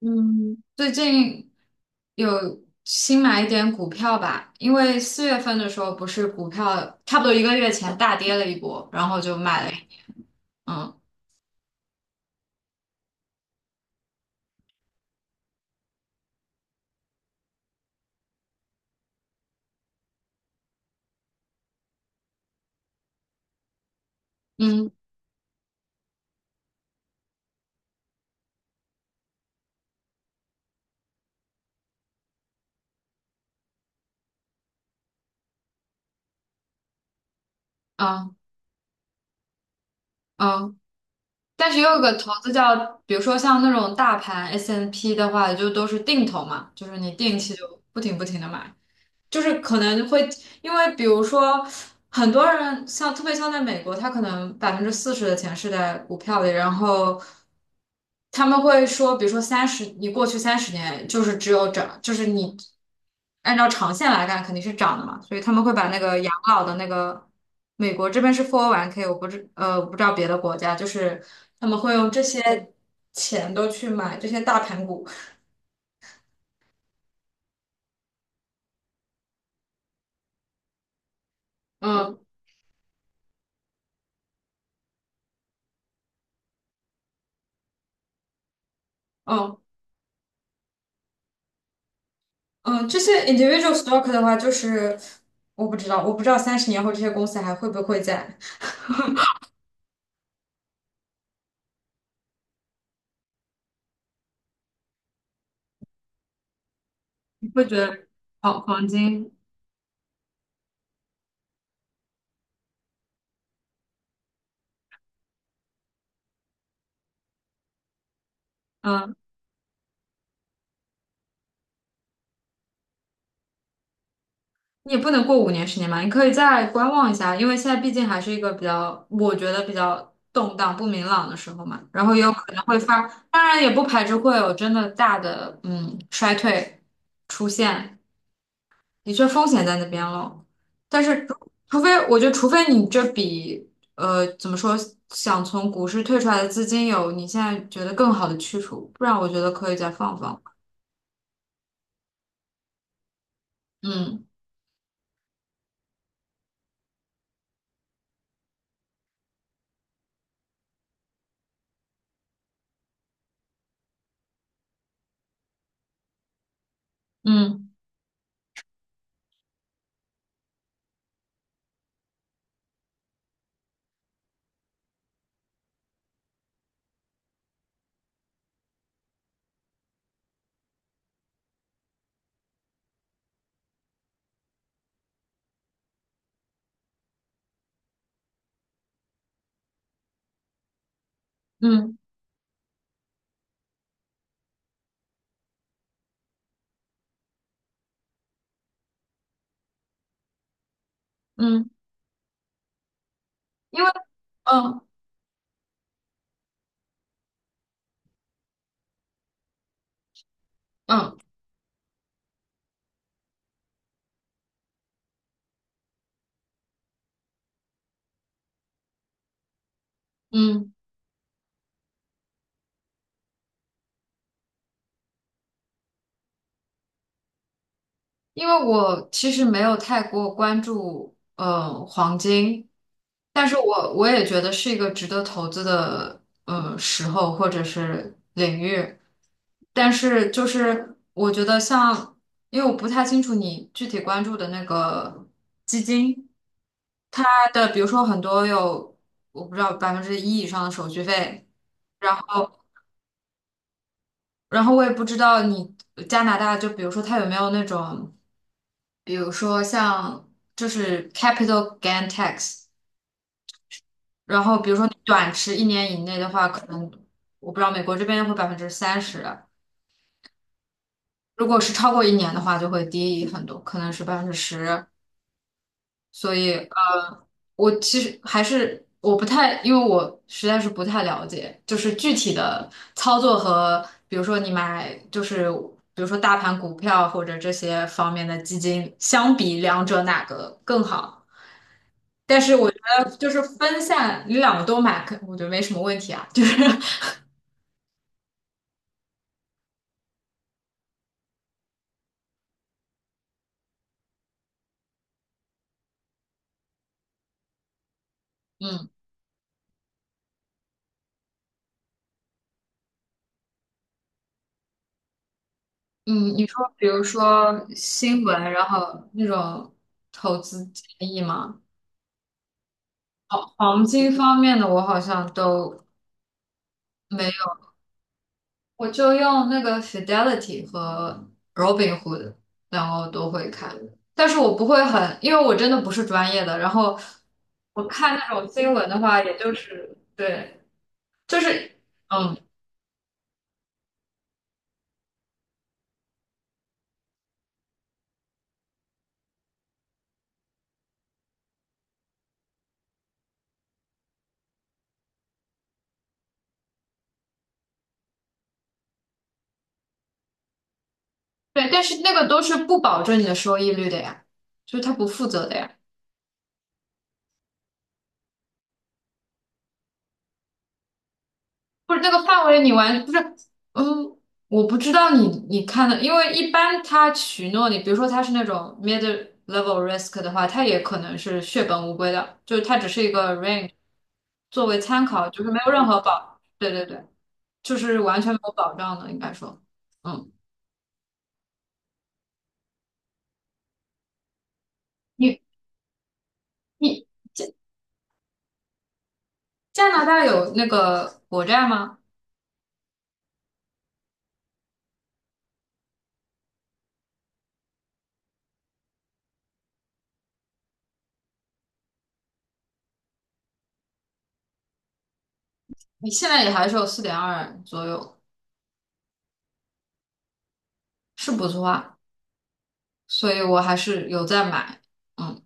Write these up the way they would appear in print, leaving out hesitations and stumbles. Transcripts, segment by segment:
嗯，最近有新买一点股票吧。因为4月份的时候不是股票差不多一个月前大跌了一波，然后就买了一。嗯，嗯，嗯，嗯。但是也有个投资叫，比如说像那种大盘 S&P n 的话，就都是定投嘛，就是你定期就不停不停的买。就是可能会因为比如说很多人像特别像在美国，他可能40%的钱是在股票里。然后他们会说，比如说三十，你过去三十年就是只有涨，就是你按照长线来看肯定是涨的嘛，所以他们会把那个养老的那个美国这边是 401(k)， 我不知道别的国家，就是他们会用这些钱都去买这些大盘股。嗯，嗯。嗯，这些 individual stock 的话，就是我不知道，我不知道30年后这些公司还会不会在。你会觉得黄金，嗯，你也不能过5年10年嘛，你可以再观望一下。因为现在毕竟还是一个比较，我觉得比较动荡不明朗的时候嘛。然后也有可能会发，当然也不排除会有真的大的衰退出现，的确风险在那边了。但是除非我觉得，除非你这笔怎么说，想从股市退出来的资金有你现在觉得更好的去处，不然我觉得可以再放放。嗯，嗯，嗯，嗯。因为。嗯，嗯，嗯。因为我其实没有太过关注黄金，但是我也觉得是一个值得投资的时候或者是领域。但是就是我觉得像，因为我不太清楚你具体关注的那个基金，它的比如说很多有我不知道百分之一以上的手续费。然后然后我也不知道你加拿大就比如说它有没有那种，比如说像就是 capital gain tax。然后比如说你短持一年以内的话，可能我不知道美国这边会30%啊。如果是超过一年的话，就会低很多，可能是10%。所以我其实还是我不太，因为我实在是不太了解，就是具体的操作和，比如说你买，就是比如说大盘股票或者这些方面的基金，相比两者哪个更好？但是我觉得就是分散，你两个都买，可我觉得没什么问题啊。就是 嗯，嗯，你说比如说新闻，然后那种投资建议吗？黄金方面的我好像都。没。我就用那个 Fidelity 和 Robinhood，然后都会看，但是我不会很，因为我真的不是专业的。然后我看那种新闻的话，也就是对，就是嗯，对，但是那个都是不保证你的收益率的呀，就是他不负责的呀。不是那个范围你完不是。嗯，我不知道你看的，因为一般他许诺你，比如说他是那种 mid level risk 的话，他也可能是血本无归的，就是它只是一个 range 作为参考，就是没有任何保，对，对，对，就是完全没有保障的，应该说。嗯，你你加加拿大有那个国债吗？你现在也还是有4.2左右，是不错啊，所以我还是有在买。嗯。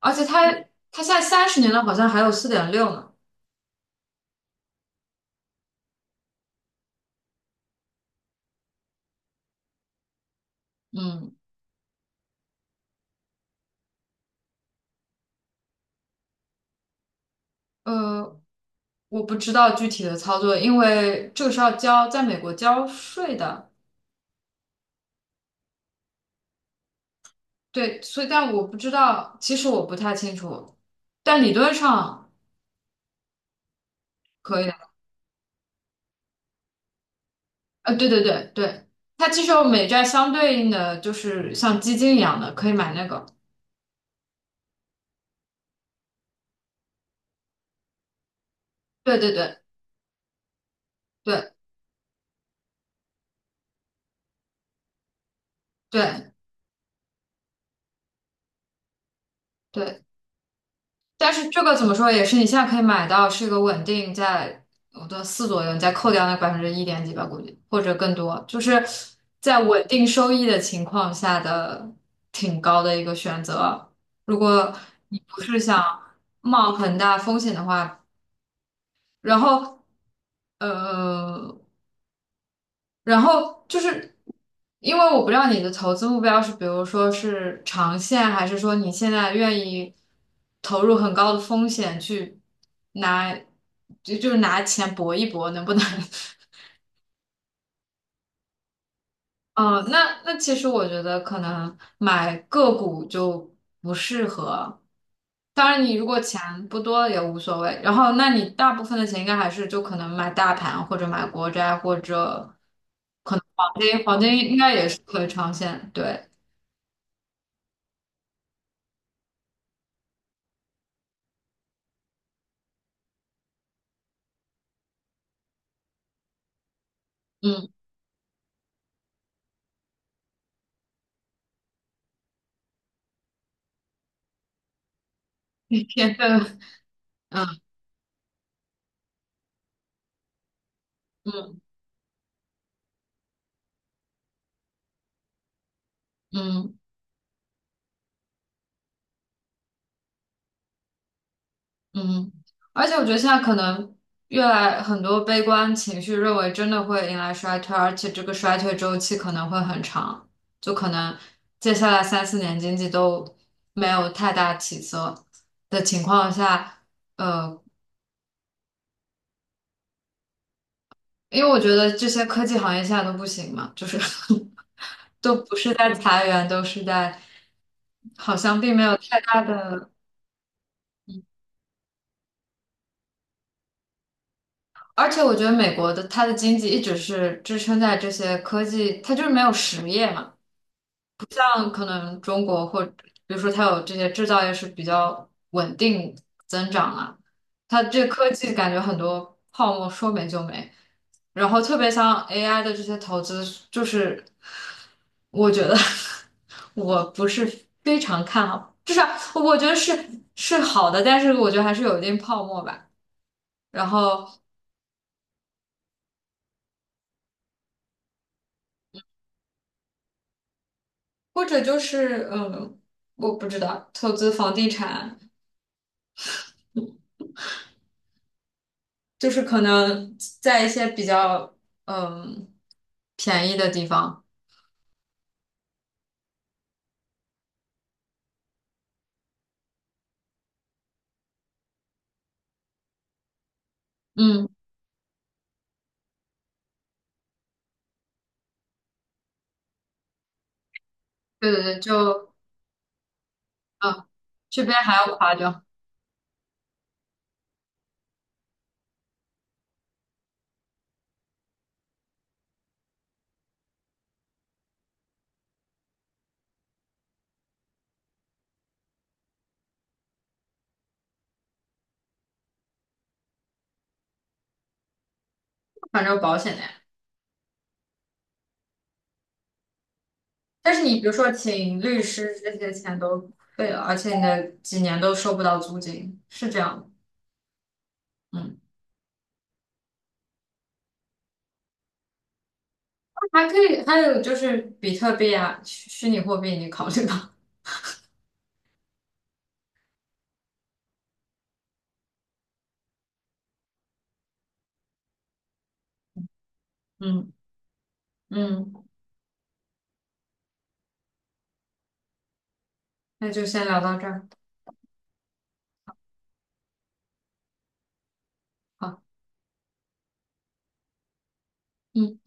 而且它现在三十年了，好像还有4.6呢。嗯，呃，我不知道具体的操作，因为这个是要交在美国交税的。对，所以但我不知道，其实我不太清楚，但理论上可以的。对，对，对，对，它其实有美债相对应的，就是像基金一样的，可以买那个。对，对，对，对，对，对。但是这个怎么说也是你现在可以买到，是一个稳定在我的四左右，你再扣掉那百分之一点几吧，估计或者更多，就是在稳定收益的情况下的挺高的一个选择。如果你不是想冒很大风险的话，然后呃，然后就是因为我不知道你的投资目标是，比如说是长线，还是说你现在愿意投入很高的风险去拿，就是拿钱搏一搏，能不能？哦，那那其实我觉得可能买个股就不适合。当然，你如果钱不多也无所谓。然后，那你大部分的钱应该还是就可能买大盘或者买国债或者可能黄金，黄金应该也是可以长线。对，嗯，天分。嗯，嗯，嗯。嗯，而且我觉得现在可能越来很多悲观情绪认为真的会迎来衰退，而且这个衰退周期可能会很长，就可能接下来三四年经济都没有太大起色的情况下。呃，因为我觉得这些科技行业现在都不行嘛，就是 都不是在裁员，都是在好像并没有太大的。而且我觉得美国的它的经济一直是支撑在这些科技，它就是没有实业嘛。像可能中国或比如说它有这些制造业是比较稳定增长啊，它这科技感觉很多泡沫说没就没。然后特别像 AI 的这些投资，就是我觉得 我不是非常看好，至少我觉得是是好的，但是我觉得还是有一定泡沫吧。然后或者就是嗯，我不知道，投资房地产就是可能在一些比较嗯便宜的地方。嗯，对，对，对，就啊这边还要夸张。反正有保险的呀。但是你比如说请律师这些钱都废了，而且你的几年都收不到租金，是这样的。嗯，还可以，还有就是比特币啊，虚拟货币，你考虑吧。嗯，嗯，那就先聊到这儿。好。嗯。